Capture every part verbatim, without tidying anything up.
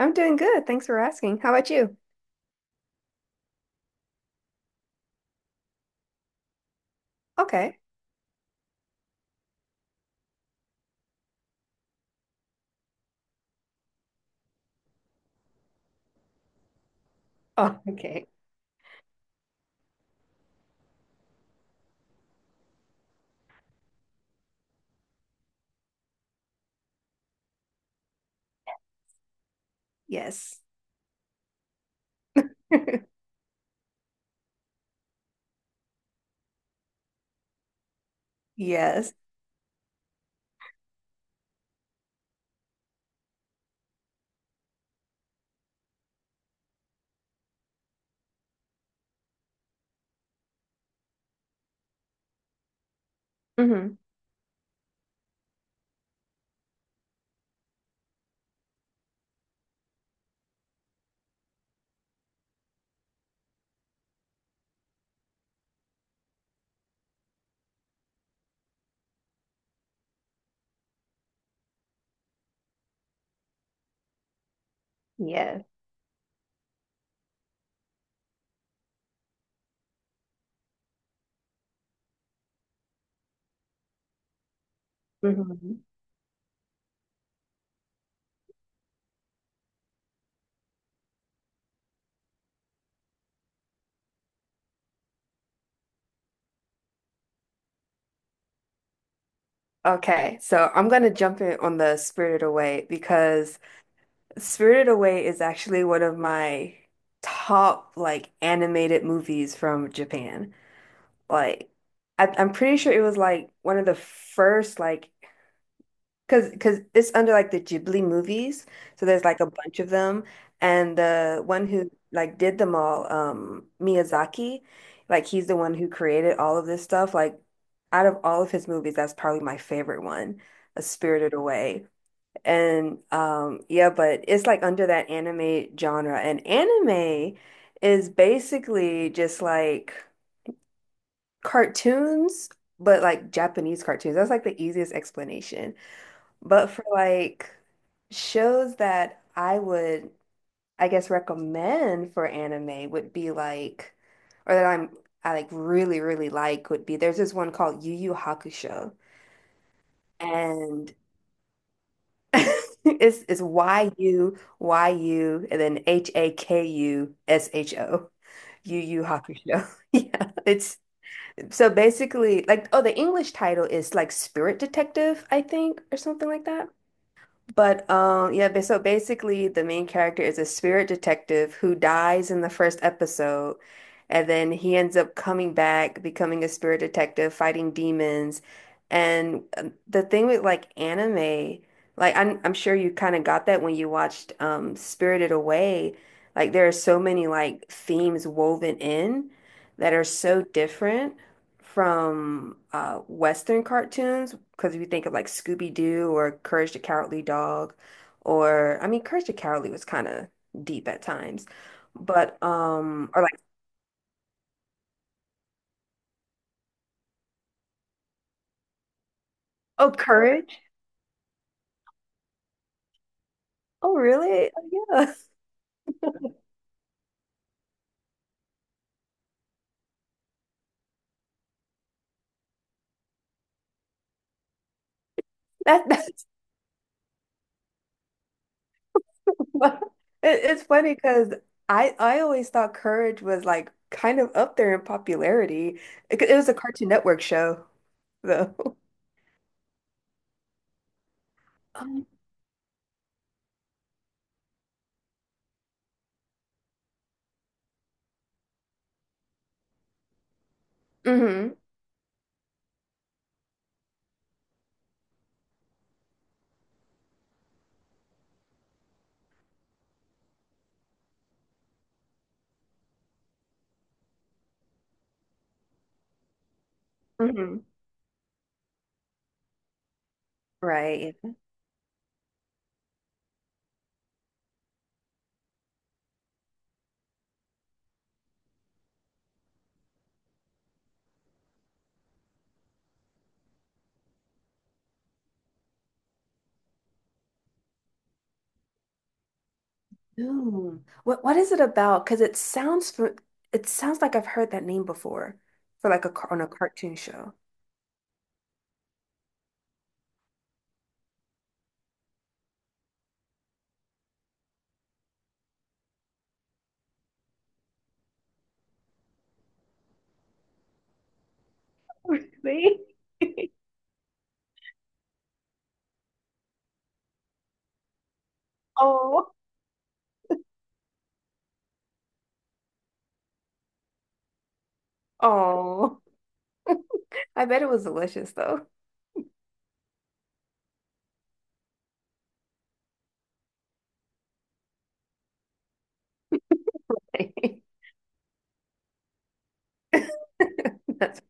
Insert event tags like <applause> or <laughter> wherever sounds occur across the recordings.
I'm doing good. Thanks for asking. How about you? Okay. Oh, okay. Yes. <laughs> Yes. hmm Yes. hmm Okay. So I'm going to jump in on the Spirited Away because Spirited Away is actually one of my top, like, animated movies from Japan. Like, I I'm pretty sure it was like one of the first like Cause, cause it's under like the Ghibli movies, so there's like a bunch of them, and the one who like did them all, um, Miyazaki, like he's the one who created all of this stuff. Like, out of all of his movies, that's probably my favorite one, A Spirited Away, and um, yeah, but it's like under that anime genre, and anime is basically just like cartoons, but like Japanese cartoons. That's like the easiest explanation. But for like shows that I would, I guess, recommend for anime would be like, or that I'm, I like really, really like would be there's this one called Yu Yu Hakusho. And <laughs> it's it's Y U Y U and then H A K U S H O. Yu Yu Hakusho. <laughs> Yeah. It's so basically like, oh, the English title is like Spirit Detective, I think, or something like that. But um yeah, ba- so basically the main character is a spirit detective who dies in the first episode, and then he ends up coming back, becoming a spirit detective, fighting demons. And uh, the thing with like anime, like I'm I'm sure you kind of got that when you watched um Spirited Away. Like there are so many like themes woven in that are so different from uh, Western cartoons, because if you think of like Scooby-Doo or Courage the Cowardly Dog, or I mean, Courage the Cowardly was kind of deep at times, but um, or like, oh, Courage, oh really? Oh yeah, <laughs> that that's what- it, it's funny because I I always thought Courage was like kind of up there in popularity. It, it was a Cartoon Network show though. <laughs> Um, hmm hmm Right. Ooh. What what is it about? Because it sounds for it sounds like I've heard that name before for like a car on a cartoon show. Really? <laughs> Oh, oh. I bet it was delicious though. <laughs> That's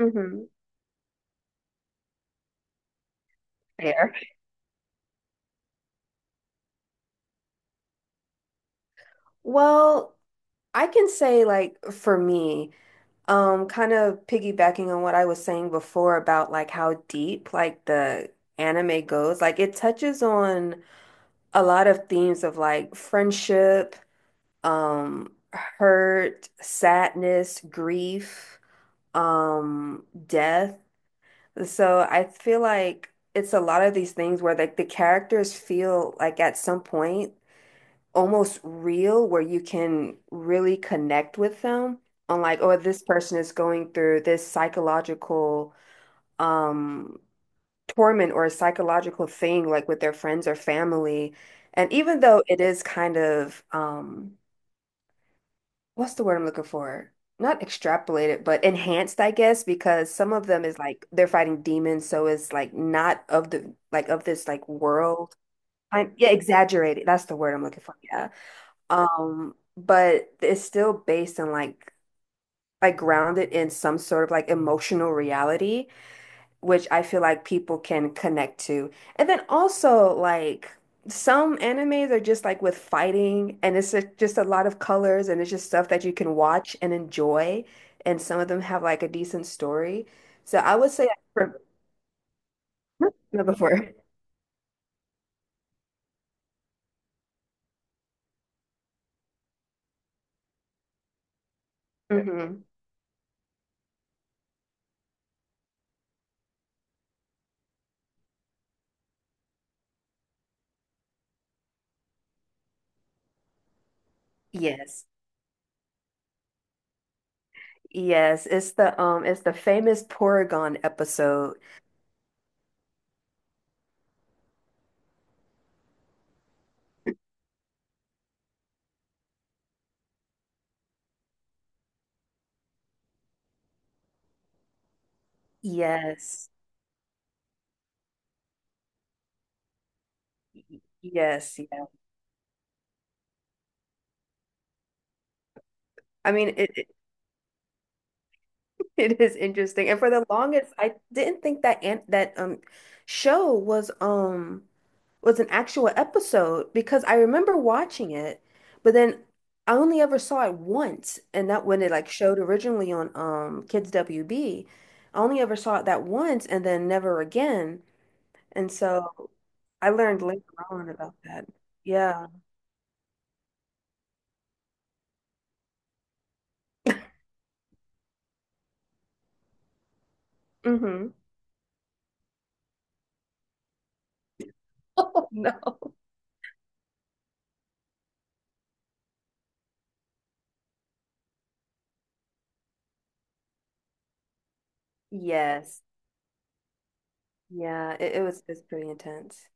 Mm-hmm. Fair. Well, I can say like for me, um, kind of piggybacking on what I was saying before about like how deep like the anime goes, like it touches on a lot of themes of like friendship, um, hurt, sadness, grief, um, death. So I feel like it's a lot of these things where like the characters feel like at some point almost real, where you can really connect with them on like, oh, this person is going through this psychological um torment or a psychological thing like with their friends or family. And even though it is kind of um what's the word I'm looking for? Not extrapolated, but enhanced, I guess, because some of them is like they're fighting demons, so it's like not of the like of this like world. I Yeah, exaggerated. That's the word I'm looking for. Yeah. Um, but it's still based on like like grounded in some sort of like emotional reality which I feel like people can connect to. And then also like some animes are just like with fighting and it's just just a lot of colors and it's just stuff that you can watch and enjoy. And some of them have like a decent story. So I would say for number four. Hmm <laughs> Yes. Yes, it's the um it's the famous Porygon episode. Yes. Y- Yes, yeah. I mean it, <laughs> It is interesting. And for the longest, I didn't think that an that um show was um was an actual episode because I remember watching it, but then I only ever saw it once, and that when it like showed originally on um Kids W B, I only ever saw it that once and then never again. And so I learned later on about that. Yeah. Mm-hmm. <laughs> Oh no. Yes. Yeah, it, it was it's pretty intense.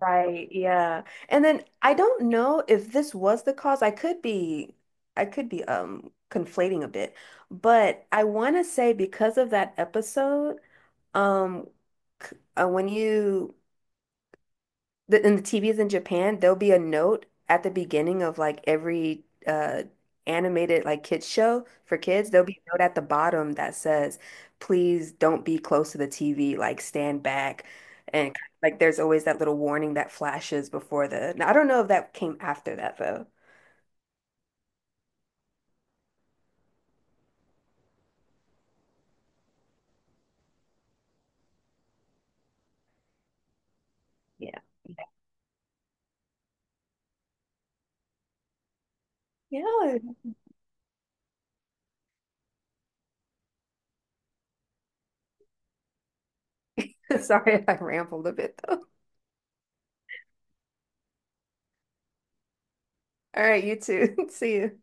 Right, yeah. And then I don't know if this was the cause. I could be I could be um conflating a bit, but I want to say because of that episode, um c- uh, when you the in the T Vs in Japan, there'll be a note at the beginning of like every uh animated like kids show for kids. There'll be a note at the bottom that says, "Please don't be close to the T V. Like stand back." And like there's always that little warning that flashes before the. Now, I don't know if that came after that though. Yeah. Yeah. <laughs> Sorry if I rambled a bit though. All right, you too. <laughs> See you.